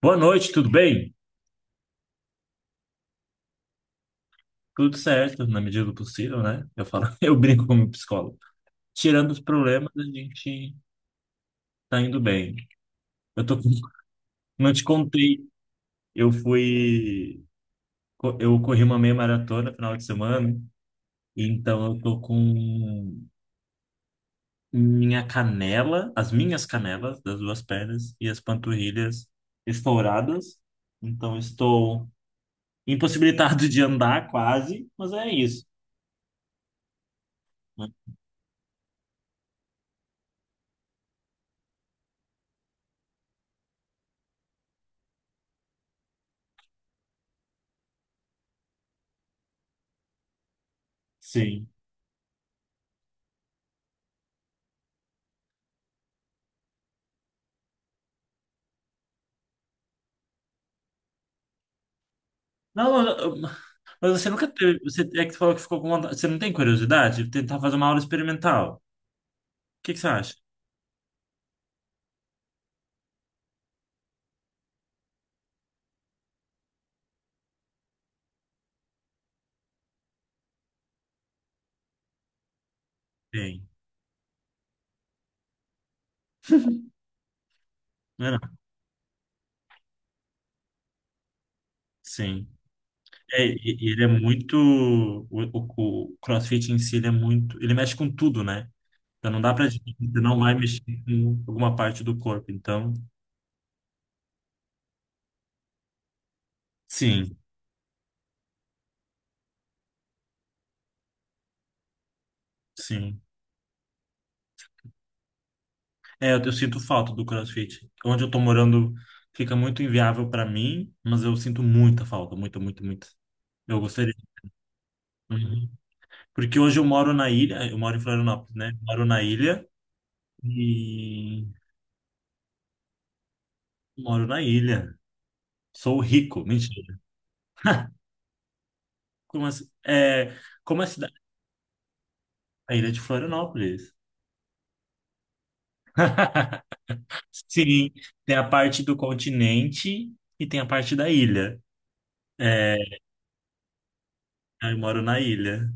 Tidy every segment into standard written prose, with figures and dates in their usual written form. Boa noite, tudo bem? Tudo certo, na medida do possível, né? Eu falo, eu brinco com o meu psicólogo. Tirando os problemas, a gente tá indo bem. Eu tô, não te contei, eu fui, eu corri uma meia maratona no final de semana, e então eu tô com minha canela, as minhas canelas das duas pernas e as panturrilhas estouradas. Então estou impossibilitado de andar quase, mas é isso, né? Sim. Não, mas você nunca teve. Você é que falou que ficou com vontade. Você não tem curiosidade de tentar fazer uma aula experimental? O que que você acha? Tem. Não é não? Sim. É, e ele é muito. O CrossFit em si, ele é muito. Ele mexe com tudo, né? Então não dá pra dizer você não vai mexer com alguma parte do corpo. Então, sim, sim. É, eu sinto falta do CrossFit. Onde eu tô morando fica muito inviável pra mim, mas eu sinto muita falta, muito, muito, muito. Eu gostaria. Uhum. Porque hoje eu moro na ilha, eu moro em Florianópolis, né? Moro na ilha e moro na ilha. Sou rico, mentira. Como assim? É, como é a cidade? A ilha de Florianópolis. Sim, tem a parte do continente e tem a parte da ilha. É, eu moro na ilha.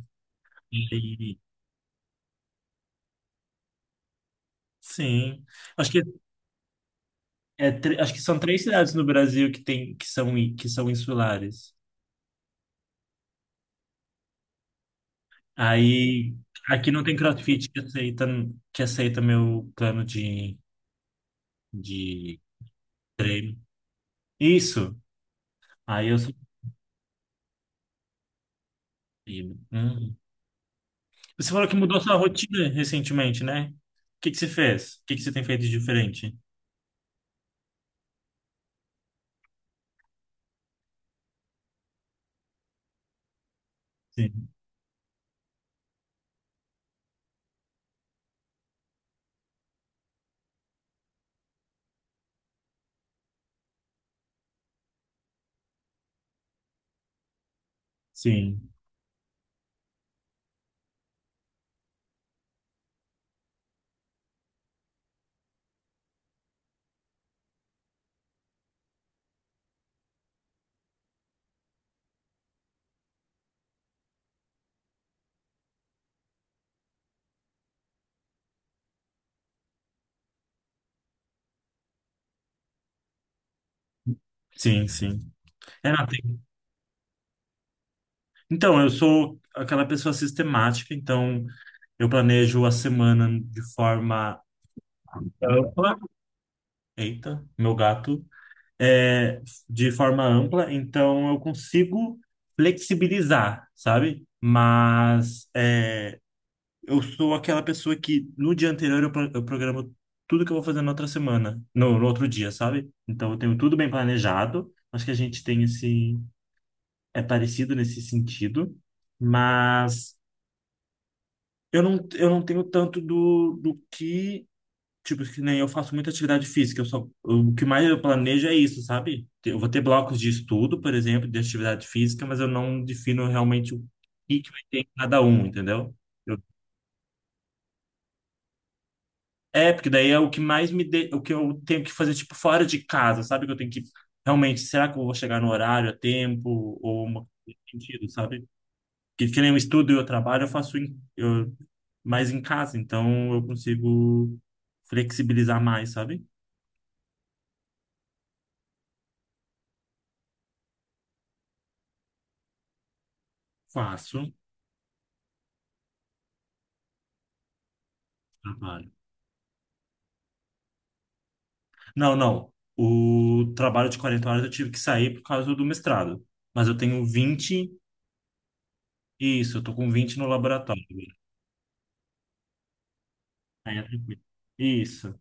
E- sim. Acho que, é, acho que são três cidades no Brasil que, tem, que, são, i- que são insulares. Aí, aqui não tem CrossFit que aceita meu plano de treino. Isso. Aí eu sou. Hum. Você falou que mudou sua rotina recentemente, né? O que que você fez? O que que você tem feito de diferente? Sim, sim, sim, sim. É, não, tem- Então, eu sou aquela pessoa sistemática, então eu planejo a semana de forma ampla. Eita, meu gato. É, de forma ampla, então eu consigo flexibilizar, sabe? Mas é, eu sou aquela pessoa que no dia anterior eu, eu programo tudo que eu vou fazer na outra semana, no outro dia, sabe? Então eu tenho tudo bem planejado. Acho que a gente tem esse. É parecido nesse sentido, mas eu não tenho tanto do que. Tipo, que nem eu faço muita atividade física. Eu só, o que mais eu planejo é isso, sabe? Eu vou ter blocos de estudo, por exemplo, de atividade física, mas eu não defino realmente o que que vai ter em cada um, entendeu? É, porque daí é o que mais me de... o que eu tenho que fazer tipo fora de casa, sabe? Que eu tenho que realmente, será que eu vou chegar no horário, a tempo ou uma coisa nesse sentido, sabe? Que nem eu estudo e eu trabalho, eu faço em... eu... mais em casa, então eu consigo flexibilizar mais, sabe? Faço trabalho. Não, não. O trabalho de 40 horas eu tive que sair por causa do mestrado, mas eu tenho 20 isso, eu tô com 20 no laboratório. Aí é tranquilo. Isso.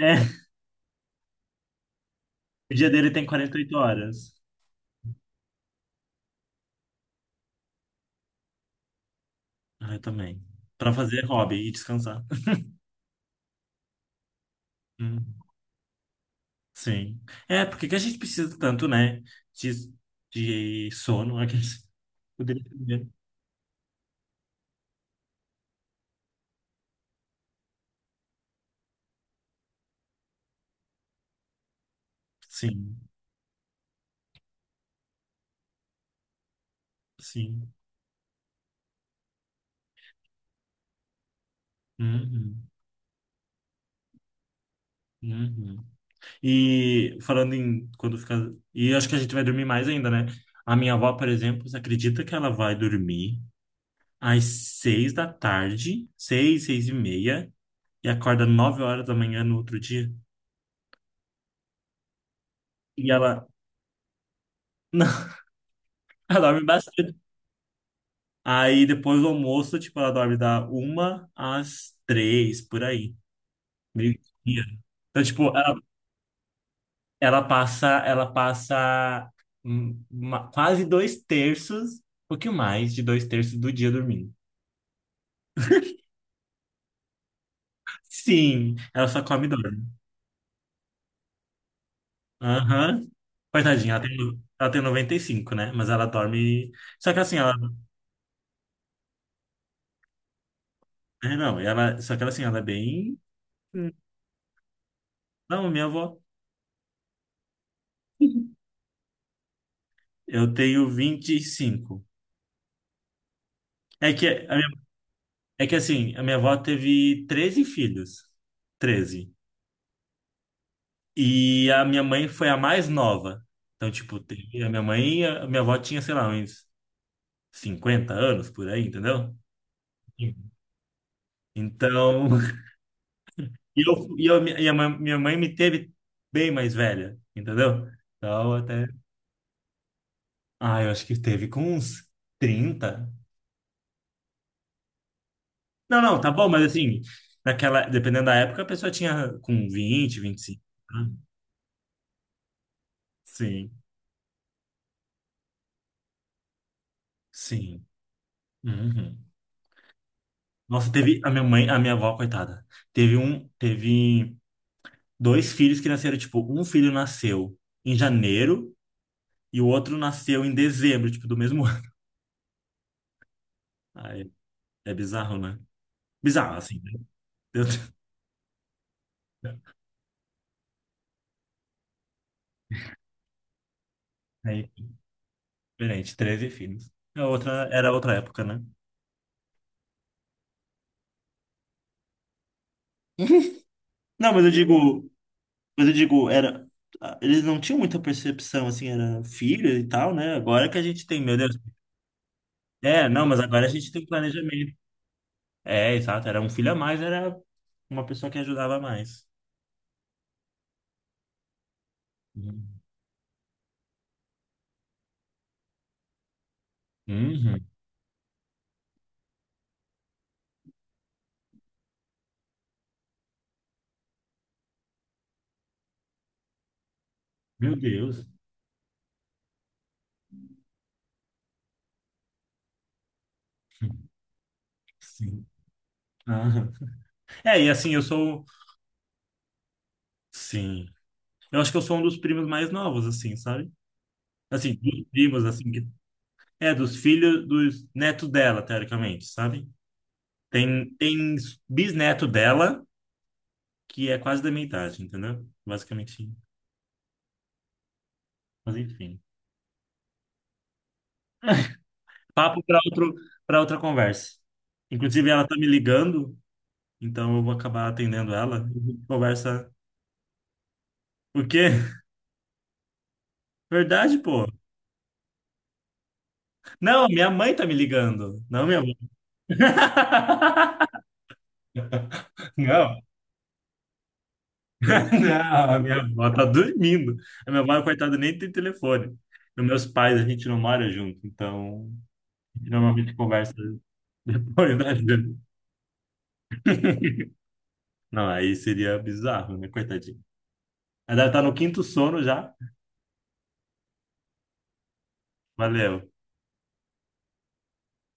É. O dia dele tem 48 horas. Ah, eu também. Pra fazer hobby e descansar. Hum, sim. É, porque que a gente precisa tanto, né? De, de, sono. Poderia ter. Sim, sim. Uhum, uhum. E falando em quando fica. E acho que a gente vai dormir mais ainda, né? A minha avó, por exemplo, você acredita que ela vai dormir às 6 da tarde, 6, 6 e meia, e acorda 9 horas da manhã no outro dia? E ela. Ela dorme bastante. Aí depois do almoço, tipo, ela dorme da uma às três, por aí. Meio-dia. Então, tipo, ela, ela passa quase dois terços, um pouquinho mais de dois terços do dia dormindo. Sim, ela só come e dorme. Aham. Coitadinha, ela tem 95 né? Mas ela dorme. Só que assim, ela. É, não, ela. Só que ela assim, ela é bem. Não, minha avó. Eu tenho 25 É que É que assim, a minha avó teve 13 filhos. 13, e a minha mãe foi a mais nova. Então, tipo, teve a minha mãe, e a minha avó tinha, sei lá, uns 50 anos por aí, entendeu? Então, e eu, e eu, e a minha mãe me teve bem mais velha, entendeu? Então, até. Ah, eu acho que teve com uns 30. Não, não, tá bom, mas assim, naquela, dependendo da época, a pessoa tinha com 20, 25. Né? Sim, sim. Uhum. Nossa, teve a minha mãe, a minha avó, coitada. Teve dois filhos que nasceram, tipo, um filho nasceu em janeiro e o outro nasceu em dezembro, tipo, do mesmo ano. Ai, é bizarro, né? Bizarro, assim, né? Meu Deus. É diferente, 13 filhos. É outra, era outra época, né? Não, mas eu digo, era, eles não tinham muita percepção, assim, era filho e tal, né? Agora que a gente tem, meu Deus. É, não, mas agora a gente tem planejamento. É, exato. Era um filho a mais, era uma pessoa que ajudava mais. Uhum. Uhum. Meu Deus. Sim. Aham. É, e assim, eu sou. Sim. Eu acho que eu sou um dos primos mais novos, assim, sabe? Assim, dos primos, assim. Que- É, dos filhos, dos netos dela, teoricamente, sabe? Tem bisneto dela, que é quase da minha idade, entendeu? Basicamente. Mas enfim. Papo para outro, para outra conversa. Inclusive, ela tá me ligando, então eu vou acabar atendendo ela. A gente conversa. O quê? Verdade, pô. Não, minha mãe tá me ligando. Não, minha avó. Não, não, a minha avó tá dormindo. A minha avó, coitada, nem tem telefone. E meus pais, a gente não mora junto, então a gente normalmente conversa depois da janta. Não, aí seria bizarro, né, coitadinho. Ela deve estar no quinto sono já. Valeu.